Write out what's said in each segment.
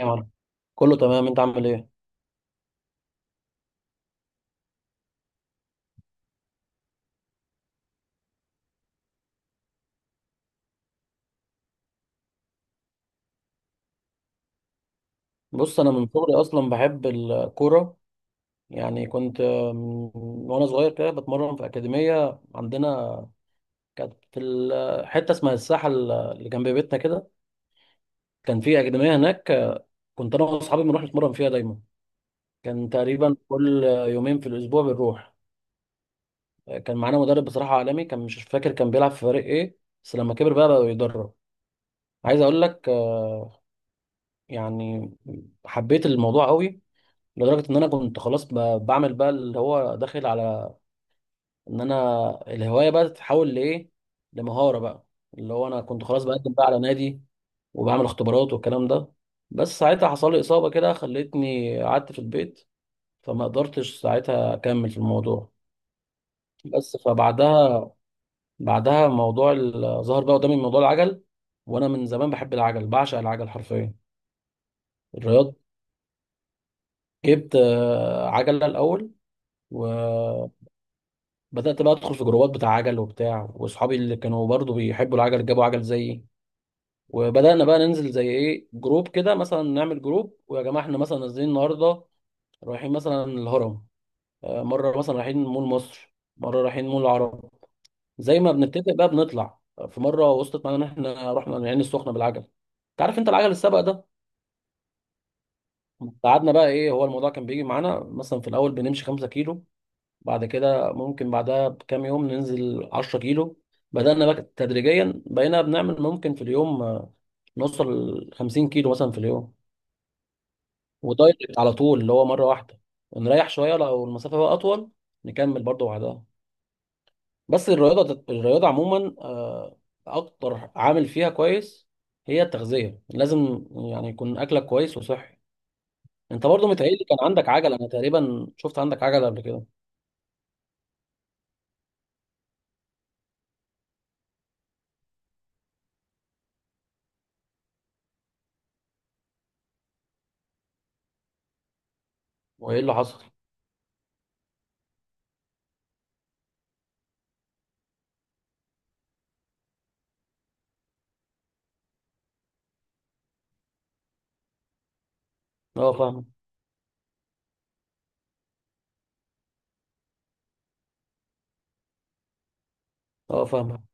يا معلم، كله تمام، انت عامل ايه؟ بص، انا من صغري اصلا بحب الكوره. يعني كنت، من- وانا صغير كده بتمرن في اكاديميه عندنا. كانت في حته اسمها الساحه اللي جنب بيتنا كده. كان في اكاديميه هناك، كنت انا واصحابي بنروح نتمرن فيها دايما. كان تقريبا كل يومين في الاسبوع بنروح. كان معانا مدرب بصراحه عالمي، كان مش فاكر كان بيلعب في فريق ايه، بس لما كبر بقى يدرب. عايز اقول لك، يعني حبيت الموضوع قوي، لدرجة إن أنا كنت خلاص بعمل بقى اللي هو داخل على إن أنا الهواية بقى تتحول لإيه؟ لمهارة بقى، اللي هو أنا كنت خلاص بقدم بقى على نادي وبعمل اختبارات والكلام ده. بس ساعتها حصل لي إصابة كده خلتني قعدت في البيت، فما قدرتش ساعتها أكمل في الموضوع. بس فبعدها موضوع ظهر بقى قدامي موضوع العجل، وأنا من زمان بحب العجل، بعشق العجل حرفيا. الرياض، جبت عجلة الأول. بدأت بقى أدخل في جروبات بتاع عجل وبتاع، وأصحابي اللي كانوا برضو بيحبوا العجل جابوا عجل زيي. وبدأنا بقى ننزل زي إيه جروب كده، مثلا نعمل جروب ويا جماعة إحنا مثلا نازلين النهاردة، رايحين مثلا الهرم. مرة مثلا رايحين مول مصر، مرة رايحين مول العرب. زي ما بنتفق بقى بنطلع. في مرة وصلت معانا إن إحنا رحنا العين السخنة بالعجل. أنت عارف أنت العجل السبق ده، قعدنا بقى إيه هو الموضوع. كان بيجي معانا مثلا في الأول بنمشي 5 كيلو، بعد كده ممكن بعدها بكام يوم ننزل 10 كيلو. بدأنا بقى تدريجيا بقينا بنعمل ممكن في اليوم نوصل ل 50 كيلو مثلا في اليوم، ودايركت على طول اللي هو مرة واحدة، ونريح شوية لو المسافة بقى أطول نكمل برضه بعدها. بس الرياضة عموما أكتر عامل فيها كويس هي التغذية. لازم يعني يكون أكلك كويس وصحي. أنت برضه متهيألي كان عندك عجلة، أنا تقريبا شفت عندك عجلة قبل كده، وإيه اللي حصل؟ أه فاهم، أه فاهم.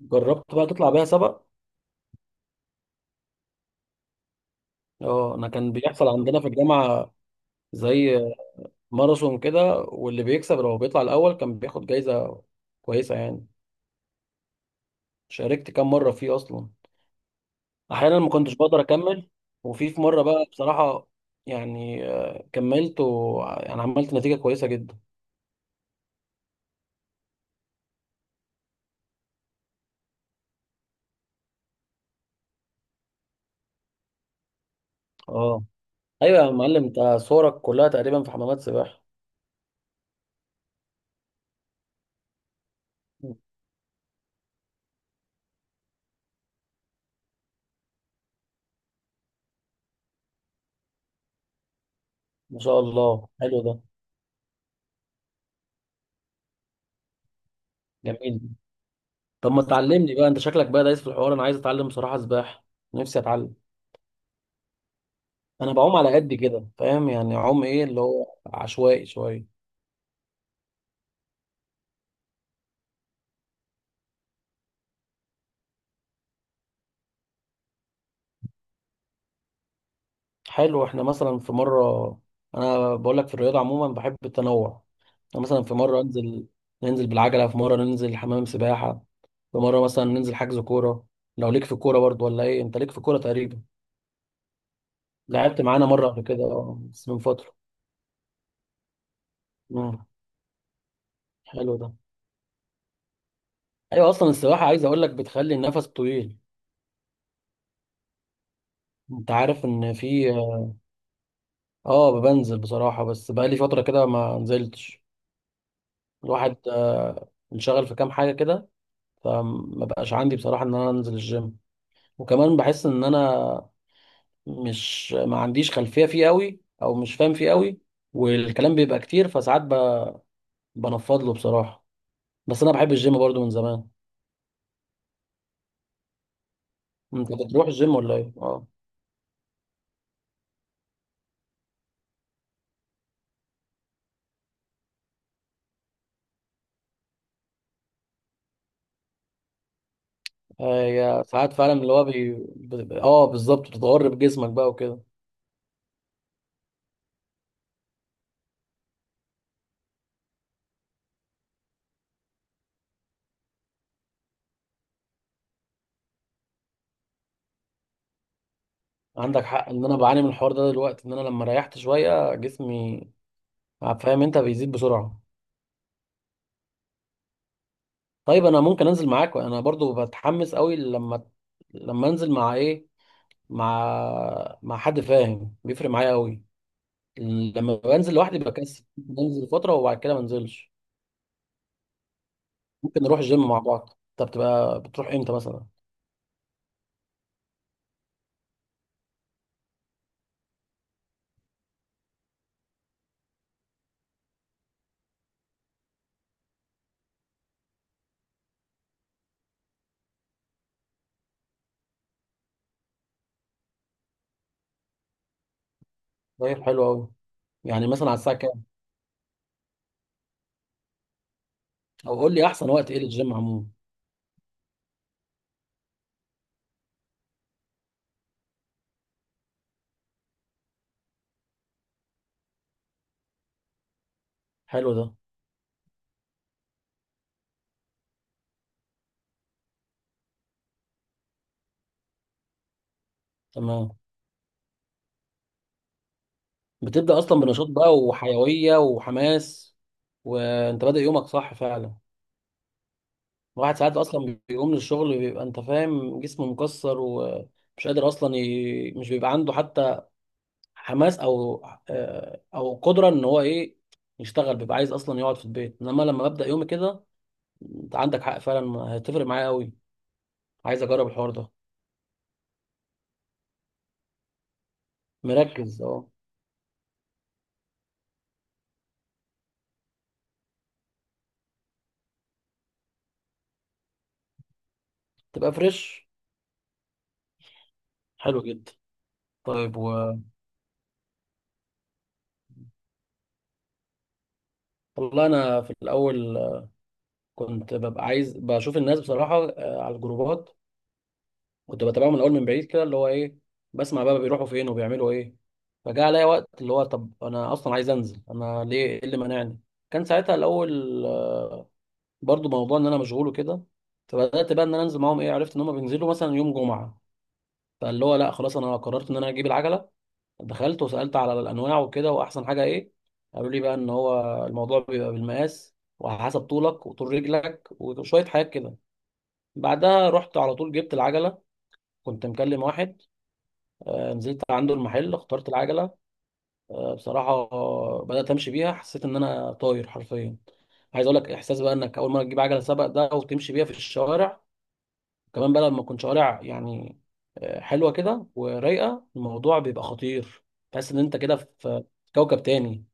جربت بقى تطلع بيها سبق. اه، انا كان بيحصل عندنا في الجامعه زي ماراثون كده، واللي بيكسب لو بيطلع الاول كان بياخد جايزه كويسه يعني. شاركت كام مره فيه اصلا، احيانا ما كنتش بقدر اكمل، وفي مره بقى بصراحه، يعني كملت، ويعني عملت نتيجه كويسه جدا. اه، ايوه يا معلم، انت صورك كلها تقريبا في حمامات سباحه. ما شاء الله، حلو ده. جميل. طب ما تعلمني بقى، انت شكلك بقى دايس في الحوار، انا عايز اتعلم بصراحه سباحه، نفسي اتعلم. انا بعوم على قد كده، فاهم يعني، عوم ايه اللي هو عشوائي شويه. حلو، احنا مثلا في مره، انا بقول لك في الرياضه عموما بحب التنوع. أنا مثلا في مره انزل، ننزل بالعجله، في مره ننزل حمام سباحه، في مره مثلا ننزل حجز كوره. لو ليك في الكوره برضو ولا ايه؟ انت ليك في الكوره تقريبا، لعبت معانا مره قبل كده بس من فتره. مم. حلو ده. ايوه اصلا السباحه، عايز اقول لك، بتخلي النفس طويل. انت عارف ان في، اه بنزل بصراحه، بس بقالي فتره كده ما نزلتش. الواحد انشغل في كام حاجة كده، فما بقاش عندي بصراحة ان انا انزل الجيم. وكمان بحس ان انا مش، ما عنديش خلفية فيه قوي او مش فاهم فيه قوي، والكلام بيبقى كتير، فساعات بنفض له بصراحة. بس انا بحب الجيم برضو من زمان. انت بتروح الجيم ولا ايه؟ اه. هي ساعات فعلا اللي هو بي... بت- اه بالظبط بتتغر بجسمك بقى وكده. عندك حق، ان انا بعاني من الحوار ده دلوقتي، ان انا لما ريحت شوية جسمي، فاهم، انت بيزيد بسرعة. طيب انا ممكن انزل معاك، انا برضو بتحمس قوي لما انزل مع ايه؟ مع حد فاهم بيفرق معايا قوي. لما بنزل لوحدي بكسل، بنزل فتره وبعد كده ما انزلش. ممكن نروح جيم مع بعض. انت بتروح امتى مثلا؟ طيب حلو قوي، يعني مثلا على الساعه كام؟ او قول لي احسن وقت ايه للجيم عموما. حلو ده. تمام. بتبدا اصلا بنشاط بقى وحيويه وحماس، وانت بادئ يومك، صح فعلا. الواحد ساعات اصلا بيقوم من الشغل، بيبقى انت فاهم جسمه مكسر ومش قادر اصلا مش بيبقى عنده حتى حماس او قدره ان هو ايه يشتغل، بيبقى عايز اصلا يقعد في البيت، انما لما ببدا يومي كده، انت عندك حق فعلا، هتفرق معايا قوي. عايز اجرب الحوار ده، مركز. اه، تبقى فريش. حلو جدا. طيب و، والله انا في الاول كنت ببقى عايز بشوف الناس بصراحه على الجروبات، كنت بتابعه من الاول من بعيد كده، اللي هو ايه، بسمع بقى بيروحوا فين وبيعملوا ايه. فجاء عليا وقت اللي هو طب انا اصلا عايز انزل، انا ليه ايه اللي مانعني؟ كان ساعتها الاول برضو موضوع ان انا مشغول وكده. فبدات بقى ان انا انزل معاهم، ايه، عرفت ان هم بينزلوا مثلا يوم جمعه، فاللي هو لا خلاص، انا قررت ان انا اجيب العجله. دخلت وسالت على الانواع وكده، واحسن حاجه ايه، قالوا لي بقى ان هو الموضوع بيبقى بالمقاس وعلى حسب طولك وطول رجلك وشويه حاجات كده. بعدها رحت على طول، جبت العجله، كنت مكلم واحد، نزلت عنده المحل، اخترت العجله. بصراحه، بدات امشي بيها، حسيت ان انا طاير حرفيا. عايز اقول لك احساس بقى، انك اول مره تجيب عجله سباق ده وتمشي بيها في الشوارع، كمان بقى لما تكون شوارع يعني حلوه كده ورايقه، الموضوع بيبقى خطير، تحس ان انت كده في كوكب تاني.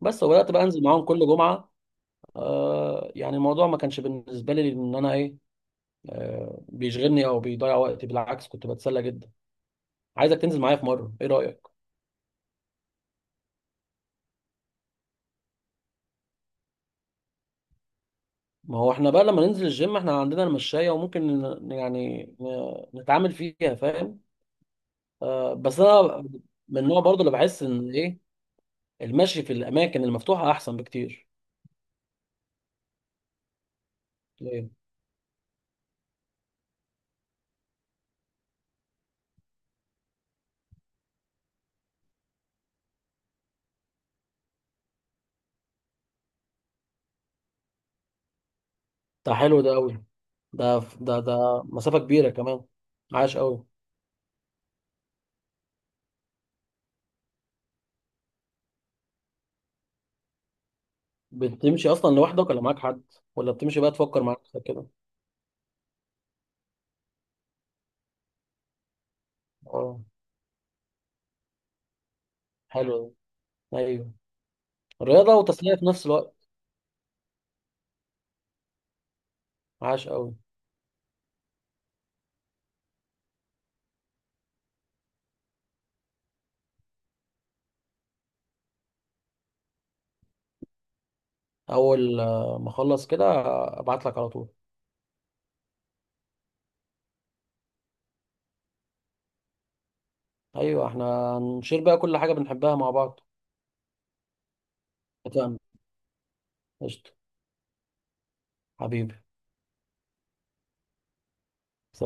بس وبدات بقى انزل معاهم كل جمعه. يعني الموضوع ما كانش بالنسبه لي ان انا ايه، بيشغلني او بيضيع وقتي، بالعكس كنت بتسلى جدا. عايزك تنزل معايا في مره، ايه رايك؟ ما هو احنا بقى لما ننزل الجيم احنا عندنا المشاية، وممكن يعني نتعامل فيها، فاهم. بس انا من النوع برضو اللي بحس ان ايه، المشي في الاماكن المفتوحة احسن بكتير. طيب. ده حلو ده قوي، ده مسافة كبيرة كمان. عاش قوي. بتمشي اصلا لوحدك ولا معاك حد؟ ولا بتمشي بقى تفكر مع نفسك كده؟ اه، حلو ده. ايوه، رياضة وتسلية في نفس الوقت. عاش قوي. اول ما اخلص كده ابعت لك على طول. ايوه احنا هنشير بقى كل حاجه بنحبها مع بعض. اتفقنا. قشطه. حبيبي.